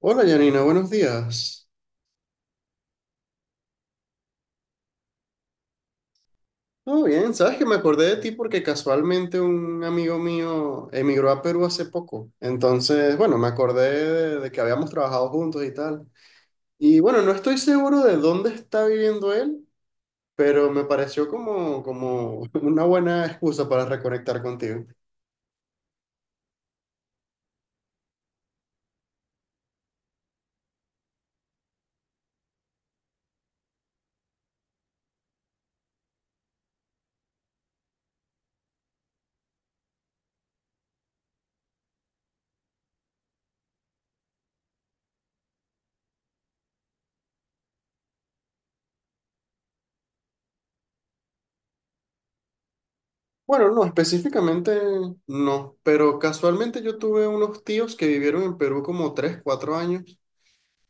Hola Janina, buenos días. Todo bien, sabes que me acordé de ti porque casualmente un amigo mío emigró a Perú hace poco. Entonces, bueno, me acordé de que habíamos trabajado juntos y tal. Y bueno, no estoy seguro de dónde está viviendo él, pero me pareció como una buena excusa para reconectar contigo. Bueno, no, específicamente no, pero casualmente yo tuve unos tíos que vivieron en Perú como 3 4 años.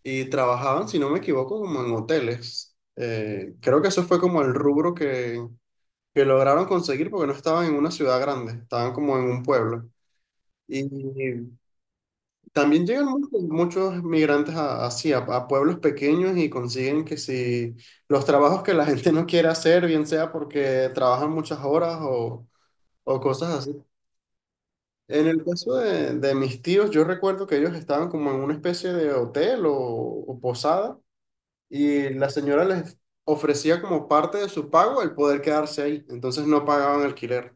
Y trabajaban, si no me equivoco, como en hoteles. Creo que eso fue como el rubro que lograron conseguir porque no estaban en una ciudad grande, estaban como en un pueblo. Y también llegan muchos, muchos migrantes a, así, a pueblos pequeños y consiguen que si los trabajos que la gente no quiere hacer, bien sea porque trabajan muchas horas o cosas así. En el caso de mis tíos, yo recuerdo que ellos estaban como en una especie de hotel o posada y la señora les ofrecía como parte de su pago el poder quedarse ahí, entonces no pagaban alquiler.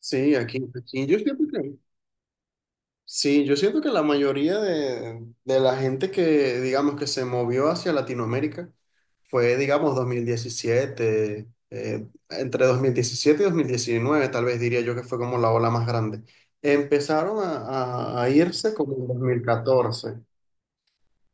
Sí, aquí yo siento que, sí, yo siento que la mayoría de la gente que, digamos, que se movió hacia Latinoamérica fue, digamos, 2017, entre 2017 y 2019 tal vez diría yo que fue como la ola más grande. Empezaron a irse como en 2014.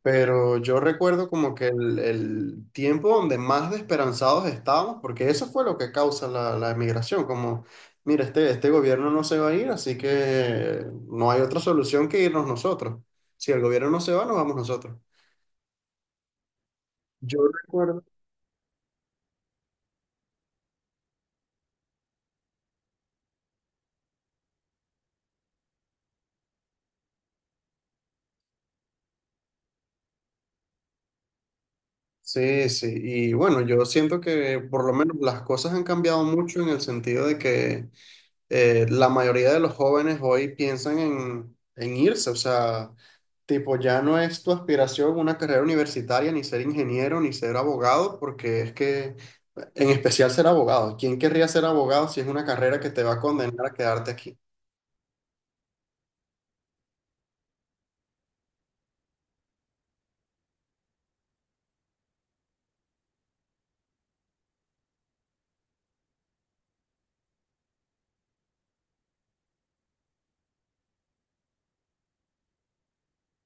Pero yo recuerdo como que el tiempo donde más desesperanzados estábamos, porque eso fue lo que causa la emigración, como, mira, este gobierno no se va a ir, así que no hay otra solución que irnos nosotros. Si el gobierno no se va, nos vamos nosotros. Yo recuerdo. Sí, sí, y bueno, yo siento que por lo menos las cosas han cambiado mucho en el sentido de que la mayoría de los jóvenes hoy piensan en irse, o sea, tipo, ya no es tu aspiración una carrera universitaria, ni ser ingeniero, ni ser abogado, porque es que, en especial ser abogado, ¿quién querría ser abogado si es una carrera que te va a condenar a quedarte aquí?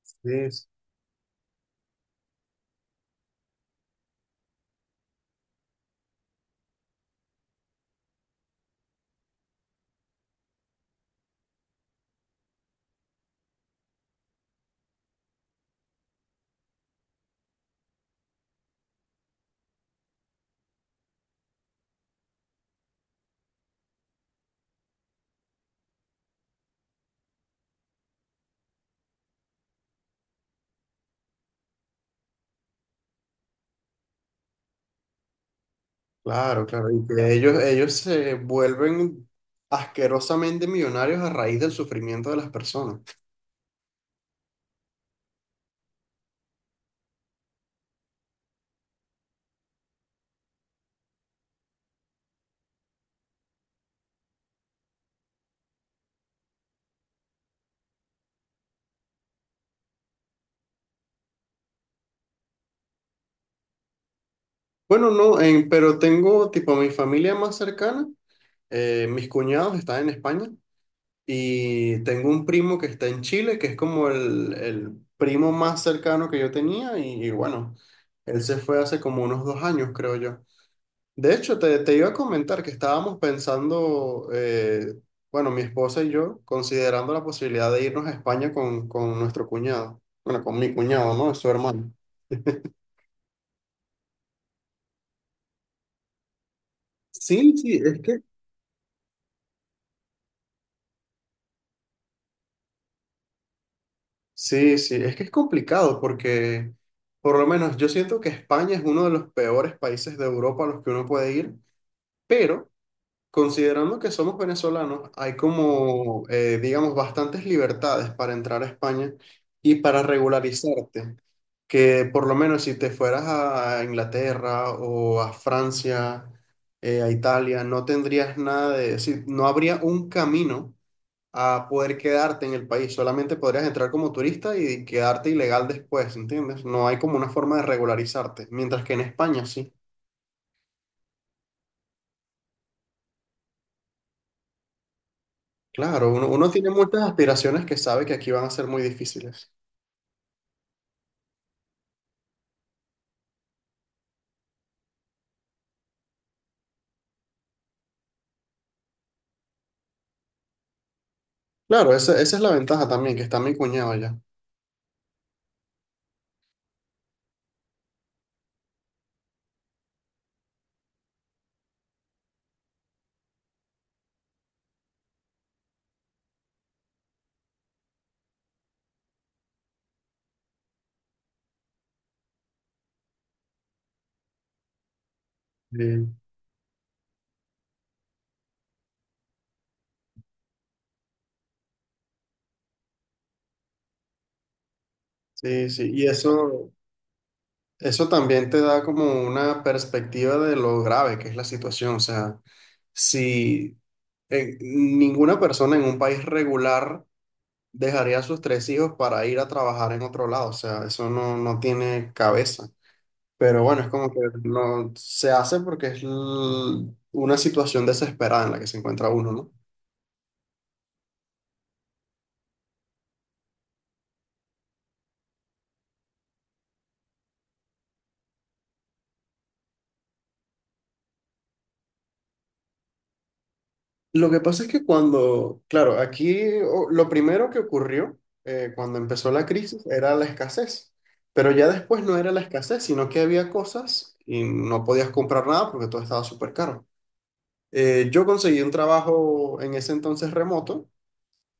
Sí, sí, claro, claro, y que ellos se vuelven asquerosamente millonarios a raíz del sufrimiento de las personas. Bueno, no, pero tengo tipo mi familia más cercana, mis cuñados están en España. Y tengo un primo que está en Chile, que es como el primo más cercano que yo tenía, y bueno, él se fue hace como unos 2 años, creo yo. De hecho, te iba a comentar que estábamos pensando, bueno, mi esposa y yo, considerando la posibilidad de irnos a España con nuestro cuñado, bueno, con mi cuñado, ¿no? Su hermano. Sí, sí, es que... Sí, sí, es que es complicado porque, por lo menos, yo siento que España es uno de los peores países de Europa a los que uno puede ir. Pero considerando que somos venezolanos, hay como, digamos, bastantes libertades para entrar a España y para regularizarte. Que por lo menos si te fueras a Inglaterra o a Francia, a Italia, no tendrías nada de, decir, no habría un camino a poder quedarte en el país. Solamente podrías entrar como turista y quedarte ilegal después, ¿entiendes? No hay como una forma de regularizarte, mientras que en España sí. Claro, uno, uno tiene muchas aspiraciones que sabe que aquí van a ser muy difíciles. Claro, esa es la ventaja también, que está mi cuñado allá. Sí, sí, sí. Y eso también te da como una perspectiva de lo grave que es la situación. O sea, si ninguna persona en un país regular dejaría a sus tres hijos para ir a trabajar en otro lado. O sea, eso no, no tiene cabeza. Pero bueno, es como que no se hace porque es una situación desesperada en la que se encuentra uno, ¿no? Lo que pasa es que cuando, claro, aquí lo primero que ocurrió cuando empezó la crisis era la escasez, pero ya después no era la escasez, sino que había cosas y no podías comprar nada porque todo estaba súper caro. Yo conseguí un trabajo en ese entonces remoto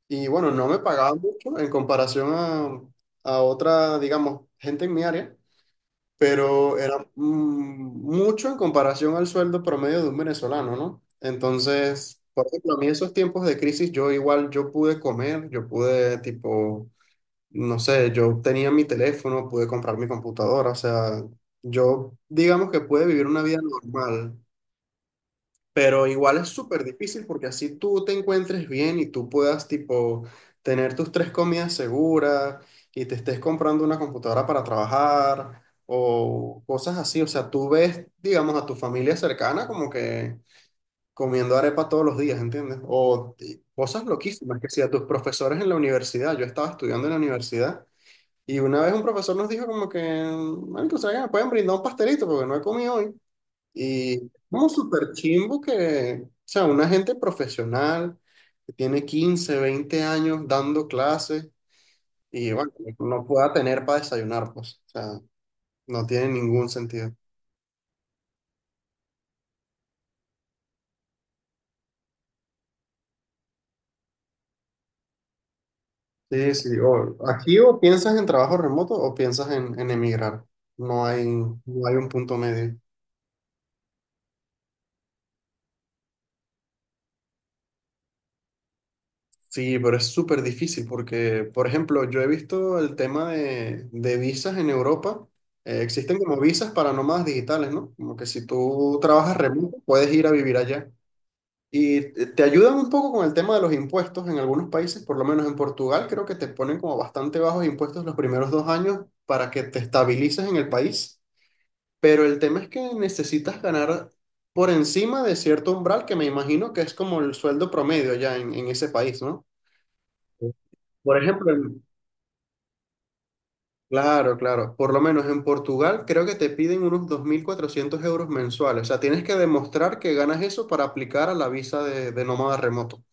y bueno, no me pagaba mucho en comparación a otra, digamos, gente en mi área, pero era mucho en comparación al sueldo promedio de un venezolano, ¿no? Entonces, por ejemplo, a mí esos tiempos de crisis, yo igual, yo pude comer, yo pude, tipo, no sé, yo tenía mi teléfono, pude comprar mi computadora, o sea, yo digamos que pude vivir una vida normal. Pero igual es súper difícil porque así tú te encuentres bien y tú puedas, tipo, tener tus tres comidas seguras y te estés comprando una computadora para trabajar o cosas así. O sea, tú ves, digamos, a tu familia cercana como que comiendo arepa todos los días, ¿entiendes? O y cosas loquísimas, que si a tus profesores en la universidad, yo estaba estudiando en la universidad y una vez un profesor nos dijo como que, "Marico, ¿saben que me pueden brindar un pastelito porque no he comido hoy? Y no, súper chimbo que, o sea, una gente profesional que tiene 15 20 años dando clases y bueno, no pueda tener para desayunar, pues, o sea, no tiene ningún sentido. Sí, sí, o aquí o piensas en trabajo remoto o piensas en emigrar. No hay, no hay un punto medio. Sí, pero es súper difícil porque, por ejemplo, yo he visto el tema de visas en Europa. Existen como visas para nómadas digitales, ¿no? Como que si tú trabajas remoto, puedes ir a vivir allá. Y te ayudan un poco con el tema de los impuestos en algunos países, por lo menos en Portugal, creo que te ponen como bastante bajos impuestos los primeros dos años para que te estabilices en el país. Pero el tema es que necesitas ganar por encima de cierto umbral que me imagino que es como el sueldo promedio allá en ese país, ¿no? Por ejemplo, claro, claro. Por lo menos en Portugal creo que te piden unos 2.400 euros mensuales. O sea, tienes que demostrar que ganas eso para aplicar a la visa de nómada remoto.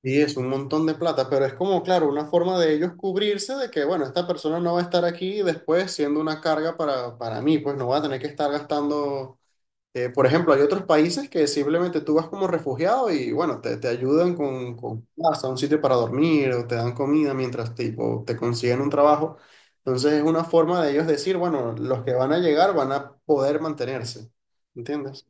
Y es un montón de plata, pero es como, claro, una forma de ellos cubrirse de que, bueno, esta persona no va a estar aquí después siendo una carga para mí, pues no va a tener que estar gastando. Por ejemplo, hay otros países que simplemente tú vas como refugiado y bueno, te ayudan con casa, un sitio para dormir o te dan comida mientras tipo, te consiguen un trabajo. Entonces es una forma de ellos decir, bueno, los que van a llegar van a poder mantenerse. ¿Entiendes?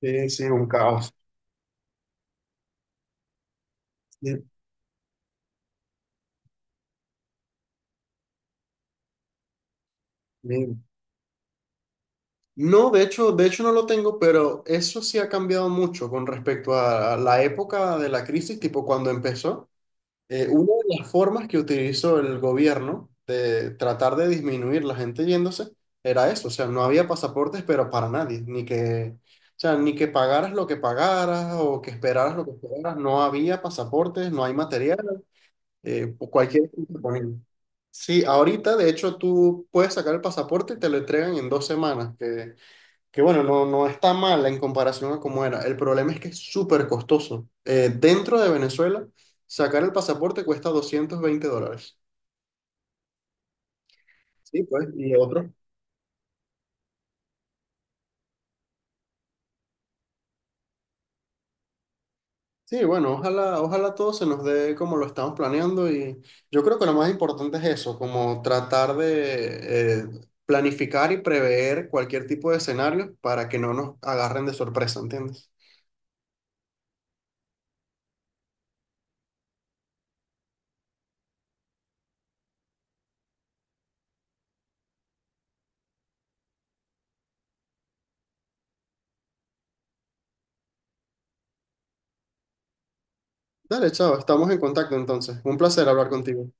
Sí, sí, un caos. Sí, bien. No, de hecho no lo tengo, pero eso sí ha cambiado mucho con respecto a la época de la crisis, tipo cuando empezó. Una de las formas que utilizó el gobierno de tratar de disminuir la gente yéndose era eso, o sea, no había pasaportes, pero para nadie, ni que, o sea, ni que pagaras lo que pagaras o que esperaras lo que esperaras, no había pasaportes, no hay material, cualquier cosa que ponían. Sí, ahorita de hecho tú puedes sacar el pasaporte y te lo entregan en 2 semanas, que bueno, no, no está mal en comparación a cómo era. El problema es que es súper costoso. Dentro de Venezuela, sacar el pasaporte cuesta 220 dólares. Sí, pues, y otro. Sí, bueno, ojalá, ojalá todo se nos dé como lo estamos planeando y yo creo que lo más importante es eso, como tratar de planificar y prever cualquier tipo de escenario para que no nos agarren de sorpresa, ¿entiendes? Dale, chao, estamos en contacto entonces. Un placer hablar contigo.